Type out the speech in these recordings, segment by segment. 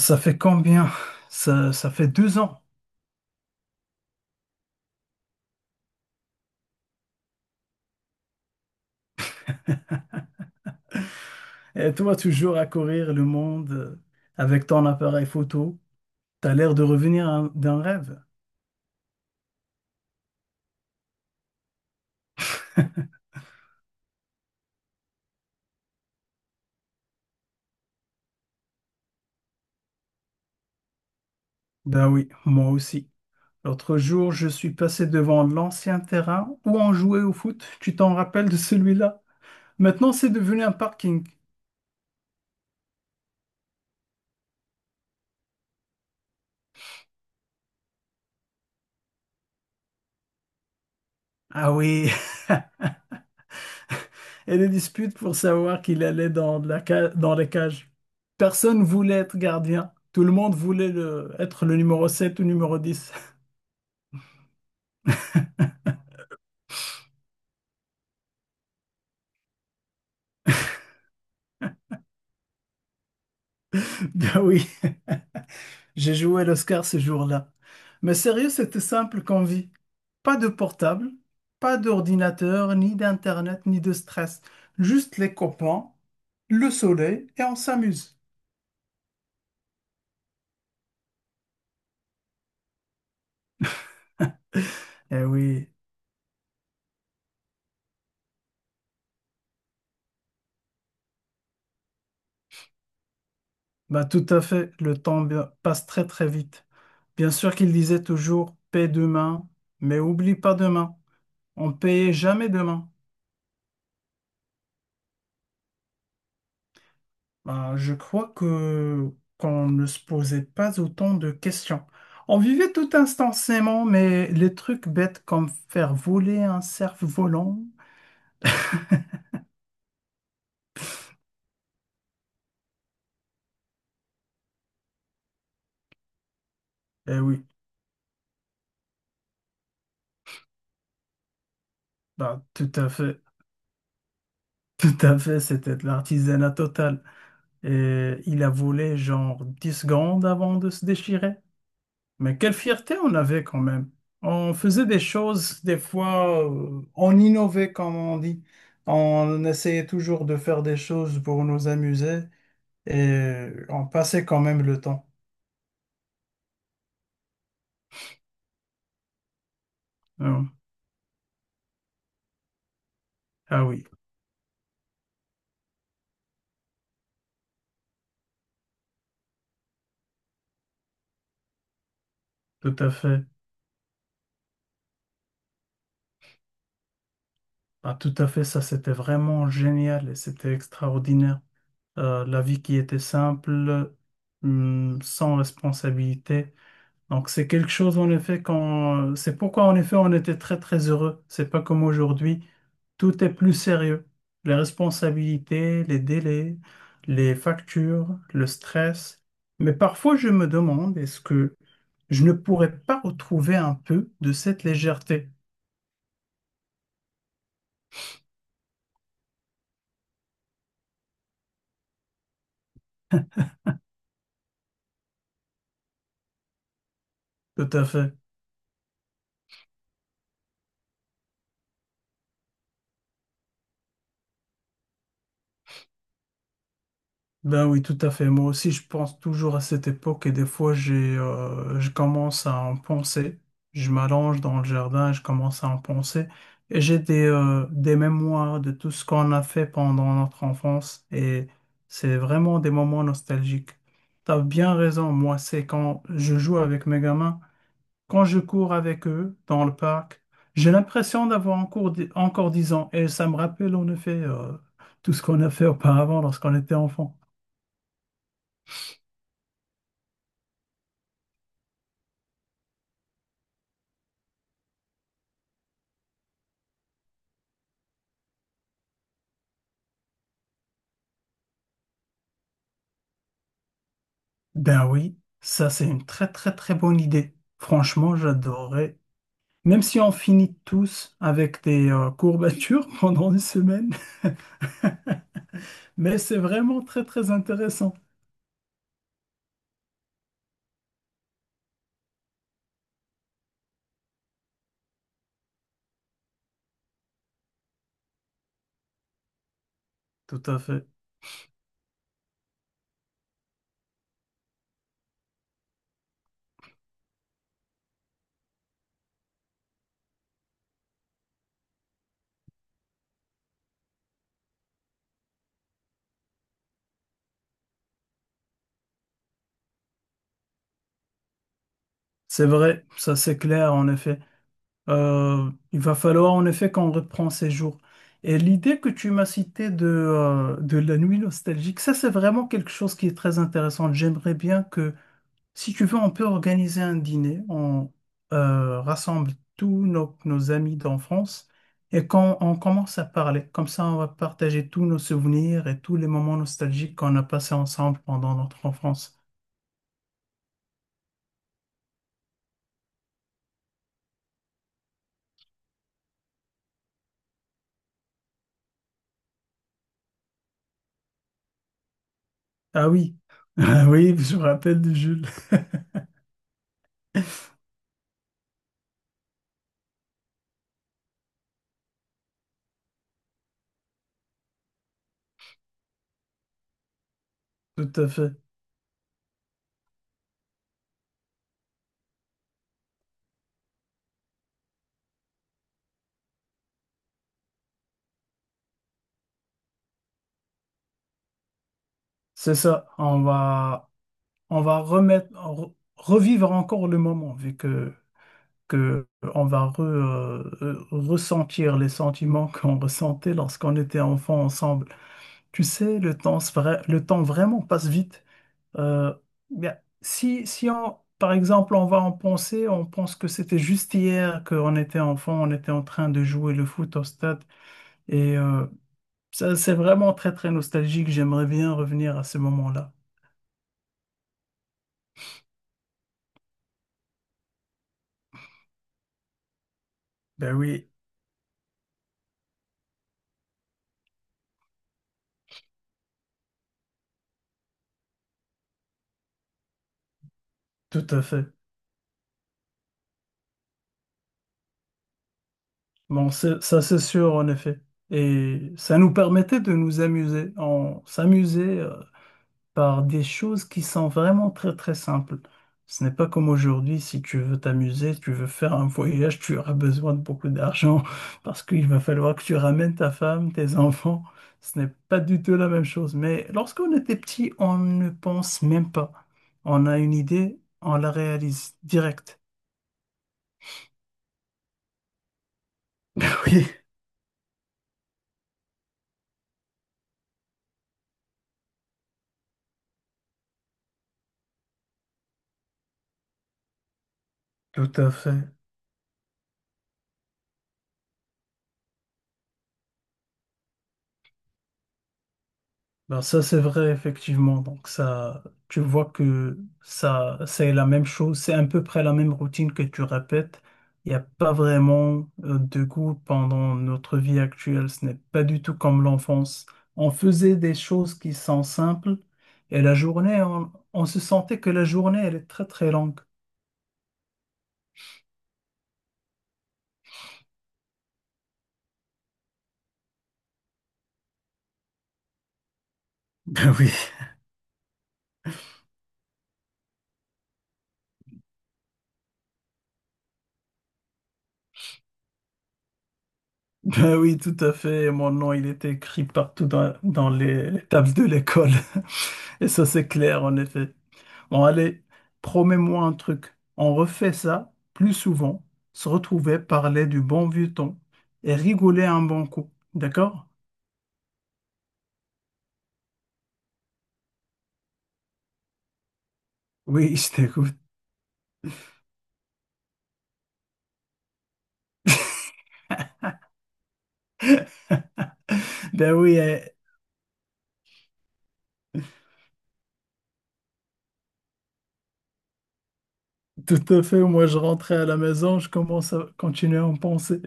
Ça fait combien? Ça fait 2 ans. Et toi, toujours à courir le monde avec ton appareil photo. T'as l'air de revenir d'un rêve. Ben oui, moi aussi. L'autre jour, je suis passé devant l'ancien terrain où on jouait au foot. Tu t'en rappelles de celui-là? Maintenant, c'est devenu un parking. Ah oui, et les disputes pour savoir qu'il allait dans les cages. Personne voulait être gardien. Tout le monde voulait être le numéro 7 ou numéro 10. Ben oui. J'ai joué l'Oscar ce jour-là. Mais sérieux, c'était simple comme vie. Pas de portable, pas d'ordinateur, ni d'internet, ni de stress. Juste les copains, le soleil et on s'amuse. Eh oui, bah tout à fait, le temps passe très très vite. Bien sûr qu'il disait toujours paie demain, mais oublie pas demain. On payait jamais demain. Bah, je crois que qu'on ne se posait pas autant de questions. On vivait tout instantanément, mais les trucs bêtes comme faire voler un cerf-volant, eh oui, bah, tout à fait, tout à fait, c'était de l'artisanat total. Et il a volé genre 10 secondes avant de se déchirer. Mais quelle fierté on avait quand même. On faisait des choses, des fois, on innovait, comme on dit. On essayait toujours de faire des choses pour nous amuser. Et on passait quand même le temps. Ah oui. Ah oui, tout à fait. Ah, tout à fait, ça c'était vraiment génial et c'était extraordinaire. La vie qui était simple, sans responsabilité. Donc c'est quelque chose en effet quand c'est pourquoi en effet on était très très heureux. C'est pas comme aujourd'hui. Tout est plus sérieux. Les responsabilités, les délais, les factures, le stress. Mais parfois, je me demande, est-ce que je ne pourrais pas retrouver un peu de cette légèreté? Tout à fait. Ben oui, tout à fait. Moi aussi, je pense toujours à cette époque et des fois, j'ai, je commence à en penser. Je m'allonge dans le jardin, je commence à en penser. Et j'ai des mémoires de tout ce qu'on a fait pendant notre enfance et c'est vraiment des moments nostalgiques. T'as bien raison, moi, c'est quand je joue avec mes gamins, quand je cours avec eux dans le parc, j'ai l'impression d'avoir encore, encore 10 ans et ça me rappelle en effet, tout ce qu'on a fait auparavant lorsqu'on était enfant. Ben oui, ça c'est une très très très bonne idée. Franchement, j'adorerais. Même si on finit tous avec des courbatures pendant une semaine, mais c'est vraiment très très intéressant. Tout à fait. C'est vrai, ça c'est clair en effet. Il va falloir en effet qu'on reprend ces jours. Et l'idée que tu m'as citée de la nuit nostalgique, ça c'est vraiment quelque chose qui est très intéressant. J'aimerais bien que. Si tu veux, on peut organiser un dîner. On rassemble tous nos amis d'enfance et quand on commence à parler, comme ça, on va partager tous nos souvenirs et tous les moments nostalgiques qu'on a passés ensemble pendant notre enfance. Ah oui, Ah oui, je me rappelle de Jules. Tout à fait. C'est ça. On va revivre encore le moment, vu que on va ressentir les sentiments qu'on ressentait lorsqu'on était enfant ensemble. Tu sais, le temps vraiment passe vite. Euh, bien, si on, par exemple, on va en penser, on pense que c'était juste hier qu'on était enfant, on était en train de jouer le foot au stade. Et ça, c'est vraiment très, très nostalgique. J'aimerais bien revenir à ce moment-là. Ben oui, tout à fait. Bon, ça, c'est sûr, en effet. Et ça nous permettait de nous amuser. On s'amusait par des choses qui sont vraiment très très simples. Ce n'est pas comme aujourd'hui, si tu veux t'amuser, tu veux faire un voyage, tu auras besoin de beaucoup d'argent parce qu'il va falloir que tu ramènes ta femme, tes enfants. Ce n'est pas du tout la même chose. Mais lorsqu'on était petit, on ne pense même pas. On a une idée, on la réalise direct. Oui, tout à fait. Ben ça c'est vrai effectivement, donc ça tu vois que ça c'est la même chose, c'est à peu près la même routine que tu répètes. Il n'y a pas vraiment de goût pendant notre vie actuelle, ce n'est pas du tout comme l'enfance. On faisait des choses qui sont simples et la journée on se sentait que la journée elle est très très longue. Ben oui. Ben oui tout à fait, mon nom il était écrit partout dans les tables de l'école. Et ça, c'est clair, en effet. Bon, allez, promets-moi un truc. On refait ça plus souvent, se retrouver, parler du bon vieux temps et rigoler un bon coup. D'accord? Oui, je t'écoute. Ben oui, eh, tout à fait. Moi, je rentrais à la maison, je commence à continuer à en penser.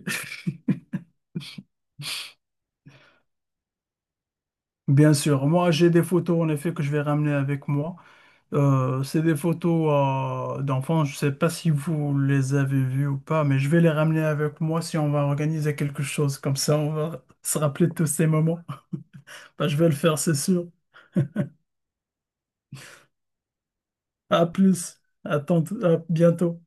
Bien sûr, moi, j'ai des photos, en effet, que je vais ramener avec moi. C'est des photos d'enfants. Je sais pas si vous les avez vues ou pas, mais je vais les ramener avec moi si on va organiser quelque chose. Comme ça, on va se rappeler de tous ces moments. Bah, je vais le faire, c'est sûr. À plus. À bientôt.